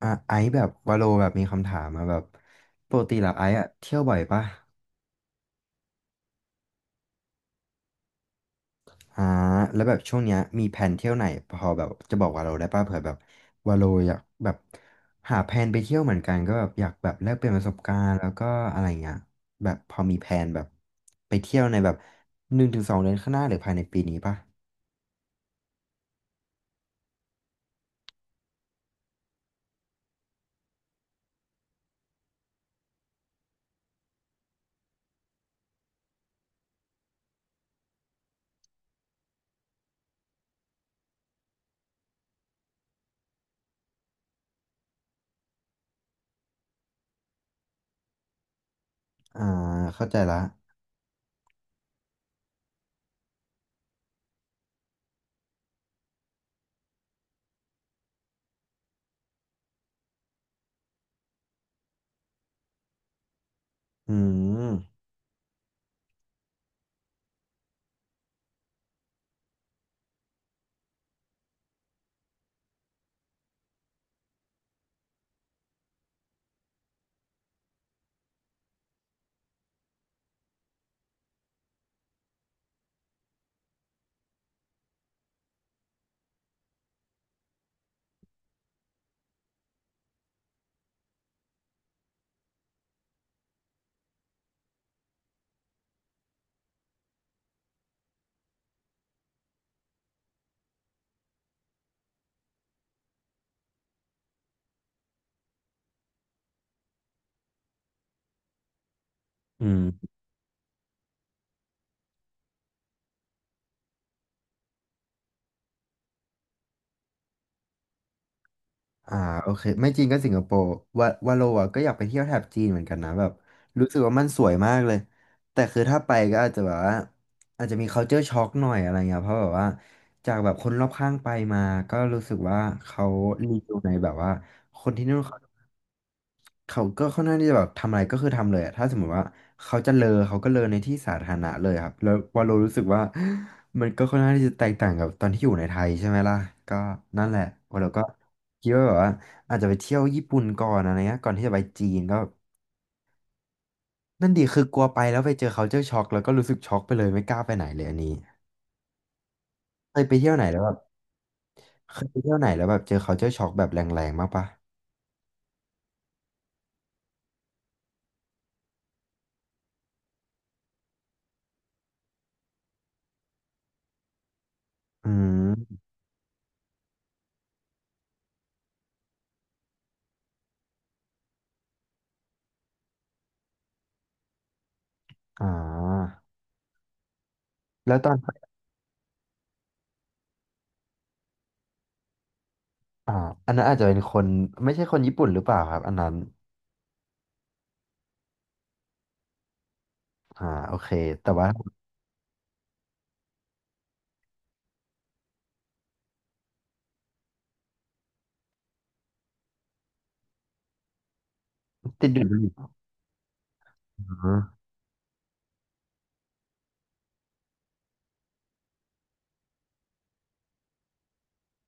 อ่ะไอซ์แบบวาโลแบบมีคำถามมาแบบปกติแล้วไอซ์อะเที่ยวบ่อยปะอ่าแล้วแบบช่วงเนี้ยมีแผนเที่ยวไหนพอแบบจะบอกวาโลได้ปะเผื่อแบบวาโลอยากแบบหาแผนไปเที่ยวเหมือนกันก็แบบอยากแบบแลกเปลี่ยนประสบการณ์แล้วก็อะไรเงี้ยแบบพอมีแผนแบบไปเที่ยวในแบบ1 ถึง 2 เดือนข้างหน้าหรือภายในปีนี้ปะอ่าเข้าใจละอืมอืม อ่าโอเคไม่จีนก็สิงคโปร์วาโลอะก็อยากไปเที่ยวแถบจีนเหมือนกันนะแบบรู้สึกว่ามันสวยมากเลยแต่คือถ้าไปก็อาจจะแบบว่าอาจจะมี culture shock หน่อยอะไรเงี้ยเพราะแบบว่าจากแบบคนรอบข้างไปมาก็รู้สึกว่าเขารีวิวในแบบว่าคนที่นู่นเขา เขาก็ค่อนข้างที่จะแบบทำอะไรก็คือทำเลยอะถ้าสมมติว่าเขาจะเลอเขาก็เลอในที่สาธารณะเลยครับแล้ววาโลรู้สึกว่า มันก็ค่อนข้างที่จะแตกต่างกับตอนที่อยู่ในไทยใช่ไหมล่ะก็นั่นแหละวาโลก็คิดว่าแบบว่าอาจจะไปเที่ยวญี่ปุ่นก่อนอะไรเงี้ยก่อนที่จะไปจีนก็นั่นดีคือกลัวไปแล้วไปเจอเขาเจอช็อกแล้วก็รู้สึกช็อกไปเลยไม่กล้าไปไหนเลยอันนี้เคยไปเที่ยวไหนแล้วแบบเคยไปเที่ยวไหนแล้วแบบเจอเขาเจอช็อกแบบแรงๆมากปะอืมอ่าแล้วตอน อ่าอันนั้นอาจจะเป็นคนไม่ใช่คนญี่ปุ่นหรือเปล่าครับอันนั้นโอเคแต่ว่าติดดดบุู่ในอ๋อ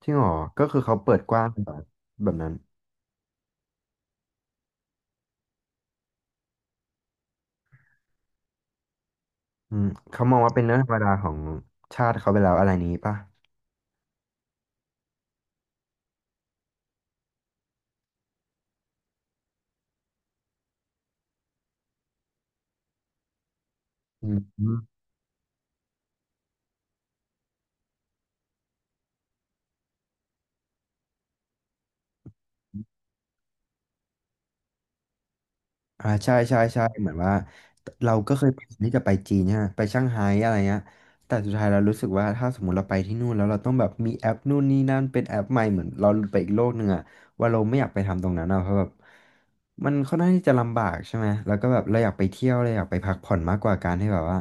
จริงเหรอก็คือเขาเปิดกว้างแบบแบบนั้นอืมเขามองว่าเป็นเรื่องธรรมดาของชาติเขาไปแล้วอะไรนี้ป่ะอืม ใช่ใช่ใช่เหมือนว่าเราก็เคยแพลนที่จะไปจีนเนี่ยไปช่างไฮ้อะไรเงี้ยแต่สุดท้ายเรารู้สึกว่าถ้าสมมติเราไปที่นู่นแล้วเราต้องแบบมีแอปนู่นนี่นั่นเป็นแอปใหม่เหมือนเราไปอีกโลกหนึ่งอะว่าเราไม่อยากไปทำตรงนั้นอะเพราะแบบมันค่อนข้างที่จะลำบากใช่ไหมแล้วก็แบบเราอยากไปเที่ยวเราอยากไปพักผ่อนมากกว่าการที่แบบว่า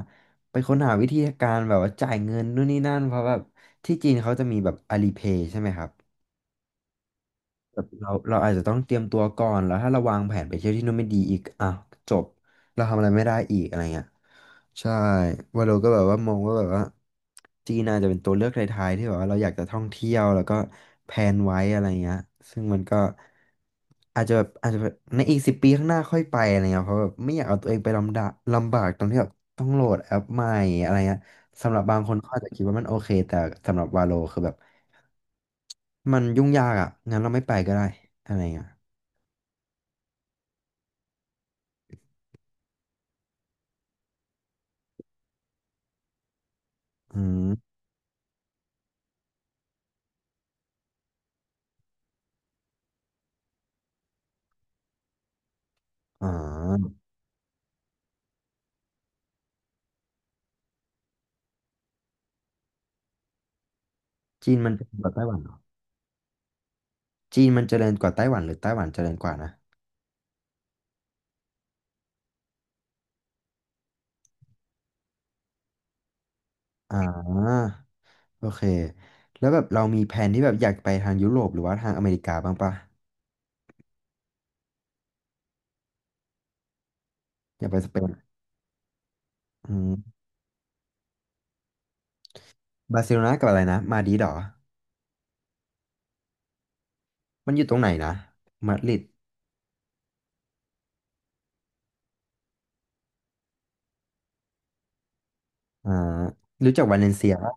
ไปค้นหาวิธีการแบบว่าจ่ายเงินนู่นนี่นั่นเพราะแบบที่จีนเขาจะมีแบบอาลีเพย์ใช่ไหมครับ แบบเราอาจจะต้องเตรียมตัวก่อนแล้วถ้าเราวางแผนไปเที่ยวที่นู่นไม่ดีอีกอ่ะจบเราทำอะไรไม่ได้อีกอะไรเงี้ยใช่วาโลก็แบบว่ามองว่าแบบว่าจีนอาจจะเป็นตัวเลือกท้ายๆที่แบบว่าเราอยากจะท่องเที่ยวแล้วก็แพลนไว้อะไรเงี้ยซึ่งมันก็อาจจะแบบอาจจะแบบในอีก10 ปีข้างหน้าค่อยไปอะไรเงี้ยเพราะแบบไม่อยากเอาตัวเองไปลำดะลำบากตรงที่แบบต้องโหลดแอปใหม่อะไรเงี้ยสำหรับบางคนเขาอาจจะคิดว่ามันโอเคแต่สำหรับวาโลคือแบบมันยุ่งยากอ่ะงั้นเราไม่ไปก็ได้อะไรเงี้ย อืมอ่าจีนมันเจริญกว่าไต้หวันเหรอจีนมันเจริญกว่าไต้หวันหรือไต้หวันเจริญกว่านะอ่าโอเค แล้วแบบเรามีแผนที่แบบอยากไปทางยุโรปหรือว่าทางอเมริกาบ้างปะอยากไปสเปนอืมบาร์เซโลนากับอะไรนะมาดริดเหรอมันอยู่ตรงไหนนะมาดริดอ่ารู้จักวาเลนเซียปะ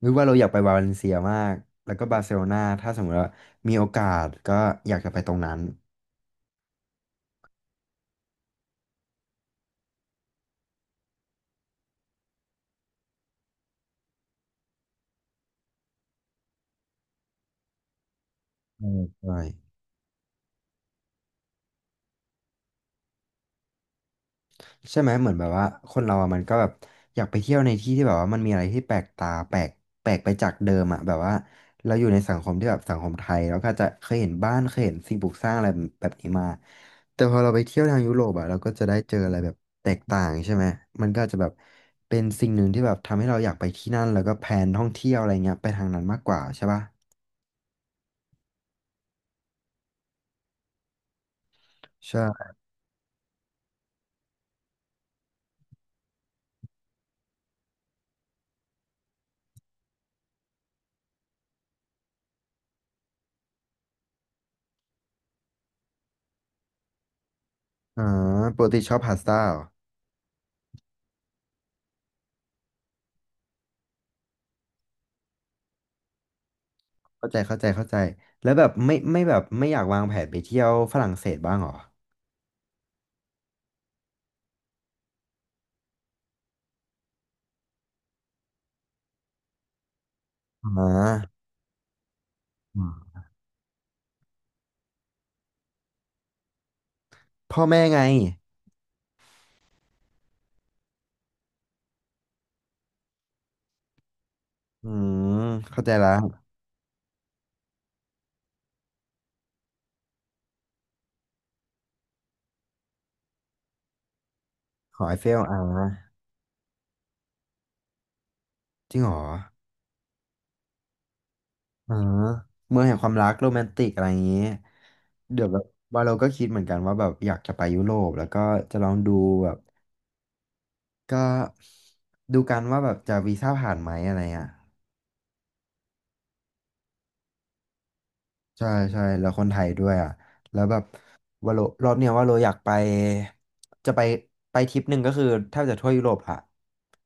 หรู้ว่าเราอยากไปวาเลนเซียมากแล้วก็บาร์เซโลนาถ้าสมมติว่ามีโอกาสก็อยากจะไปตรงนั้นใช่ใช่ ใช่ไหมเหมือนแบบว่าคนเราอะมันก็แบบอยากไปเที่ยวในที่ที่แบบว่ามันมีอะไรที่แปลกตาแปลกแปลกไปจากเดิมอะแบบว่าเราอยู่ในสังคมที่แบบสังคมไทยแล้วก็จะเคยเห็นบ้านเคยเห็นสิ่งปลูกสร้างอะไรแบบนี้มาแต่พอเราไปเที่ยวทางยุโรปอะเราก็จะได้เจออะไรแบบแตกต่างใช่ไหมมันก็จะแบบเป็นสิ่งหนึ่งที่แบบทำให้เราอยากไปที่นั่นแล้วก็แพลนท่องเที่ยวอะไรเงี้ยไปทางนั้นมากกว่าใช่ปะใช่อ่าปกติชอบพาสต้าเหรอเข้าใจเข้าใจเข้าใจแล้วแบบไม่แบบไม่อยากวางแผนไปเที่ยวฝรั่งเศสบ้างเหรอ อ่าอืมพ่อแม่ไงอืมเข้าใจละหอไอเฟลอ่าจริงเหรออ่าเมืองแห่งความรักโรแมนติกอะไรอย่างนี้เดี๋ยวแบบว่าเราก็คิดเหมือนกันว่าแบบอยากจะไปยุโรปแล้วก็จะลองดูแบบก็ดูกันว่าแบบจะวีซ่าผ่านไหมอะไรอ่ะใช่ใช่แล้วคนไทยด้วยอ่ะแล้วแบบว่าโลรอบเนี้ยว่าโลอยากไปจะไปไปทริปหนึ่งก็คือแทบจะทั่วยุโรปละ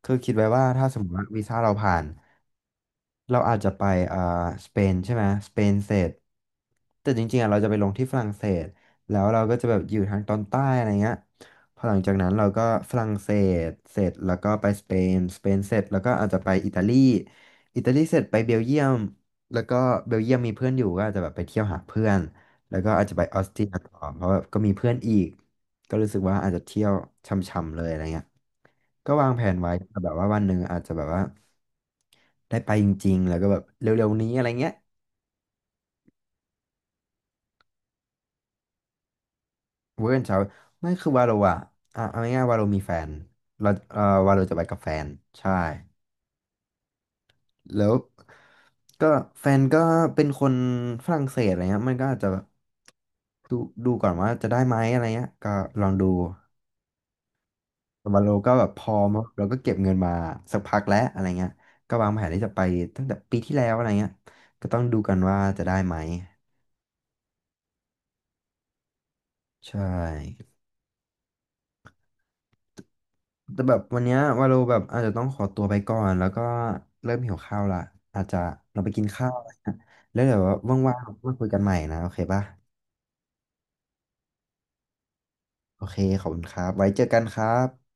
คือคิดไว้ว่าถ้าสมมติว่าวีซ่าเราผ่าน เราอาจจะไปอ่าสเปนใช่ไหมสเปนเสร็จแต่จริงๆอ่ะเราจะไปลงที่ฝรั่งเศสแล้วเราก็จะแบบอยู่ทางตอนใต้อะไรเงี้ยพอหลังจากนั้นเราก็ฝรั่งเศสเสร็จแล้วก็ไปสเปนสเปนเสร็จแล้วก็อาจจะไปอิตาลีอิตาลีเสร็จไปเบลเยียมแล้วก็เบลเยียมมีเพื่อนอยู่ก็อาจจะแบบไปเที่ยวหาเพื่อน แล้วก็อาจจะไปออสเตรียต่อเพราะแบบก็มีเพื่อนอีกก็รู้สึกว่าอาจจะเที่ยวช่ำๆเลยอะไรเงี้ยก็วางแผนไว้แต่แบบว่าวันหนึ่งอาจจะแบบว่าได้ไปจริงๆแล้วก็แบบเร็วๆนี้อะไรเงี้ยเวอร์กแอนด์เช้าไม่คือวาโรอะอ่ะเอาง่ายๆวาโรมีแฟนเราวาโรจะไปกับแฟนใช่แล้วก็แฟนก็เป็นคนฝรั่งเศสอะไรเงี้ยมันก็อาจจะแบบดูดูก่อนว่าจะได้ไหมอะไรเงี้ยก็ลองดู วาโลก็แบบพอมาเราก็เก็บเงินมาสักพักแล้วอะไรเงี้ยก็วางแผนที่จะไปตั้งแต่ปีที่แล้วอะไรเงี้ยก็ต้องดูกันว่าจะได้ไหมใช่แต่แบบวันเนี้ยวาโลแบบอาจจะต้องขอตัวไปก่อนแล้วก็เริ่มหิวข้าวละอาจจะเราไปกินข้าวอะไรนะแล้วเดี๋ยวว่างๆเรามาคุยกันใหม่นะโอเคป่ะโอเคขอบคุณครับไว้เจอกันครับ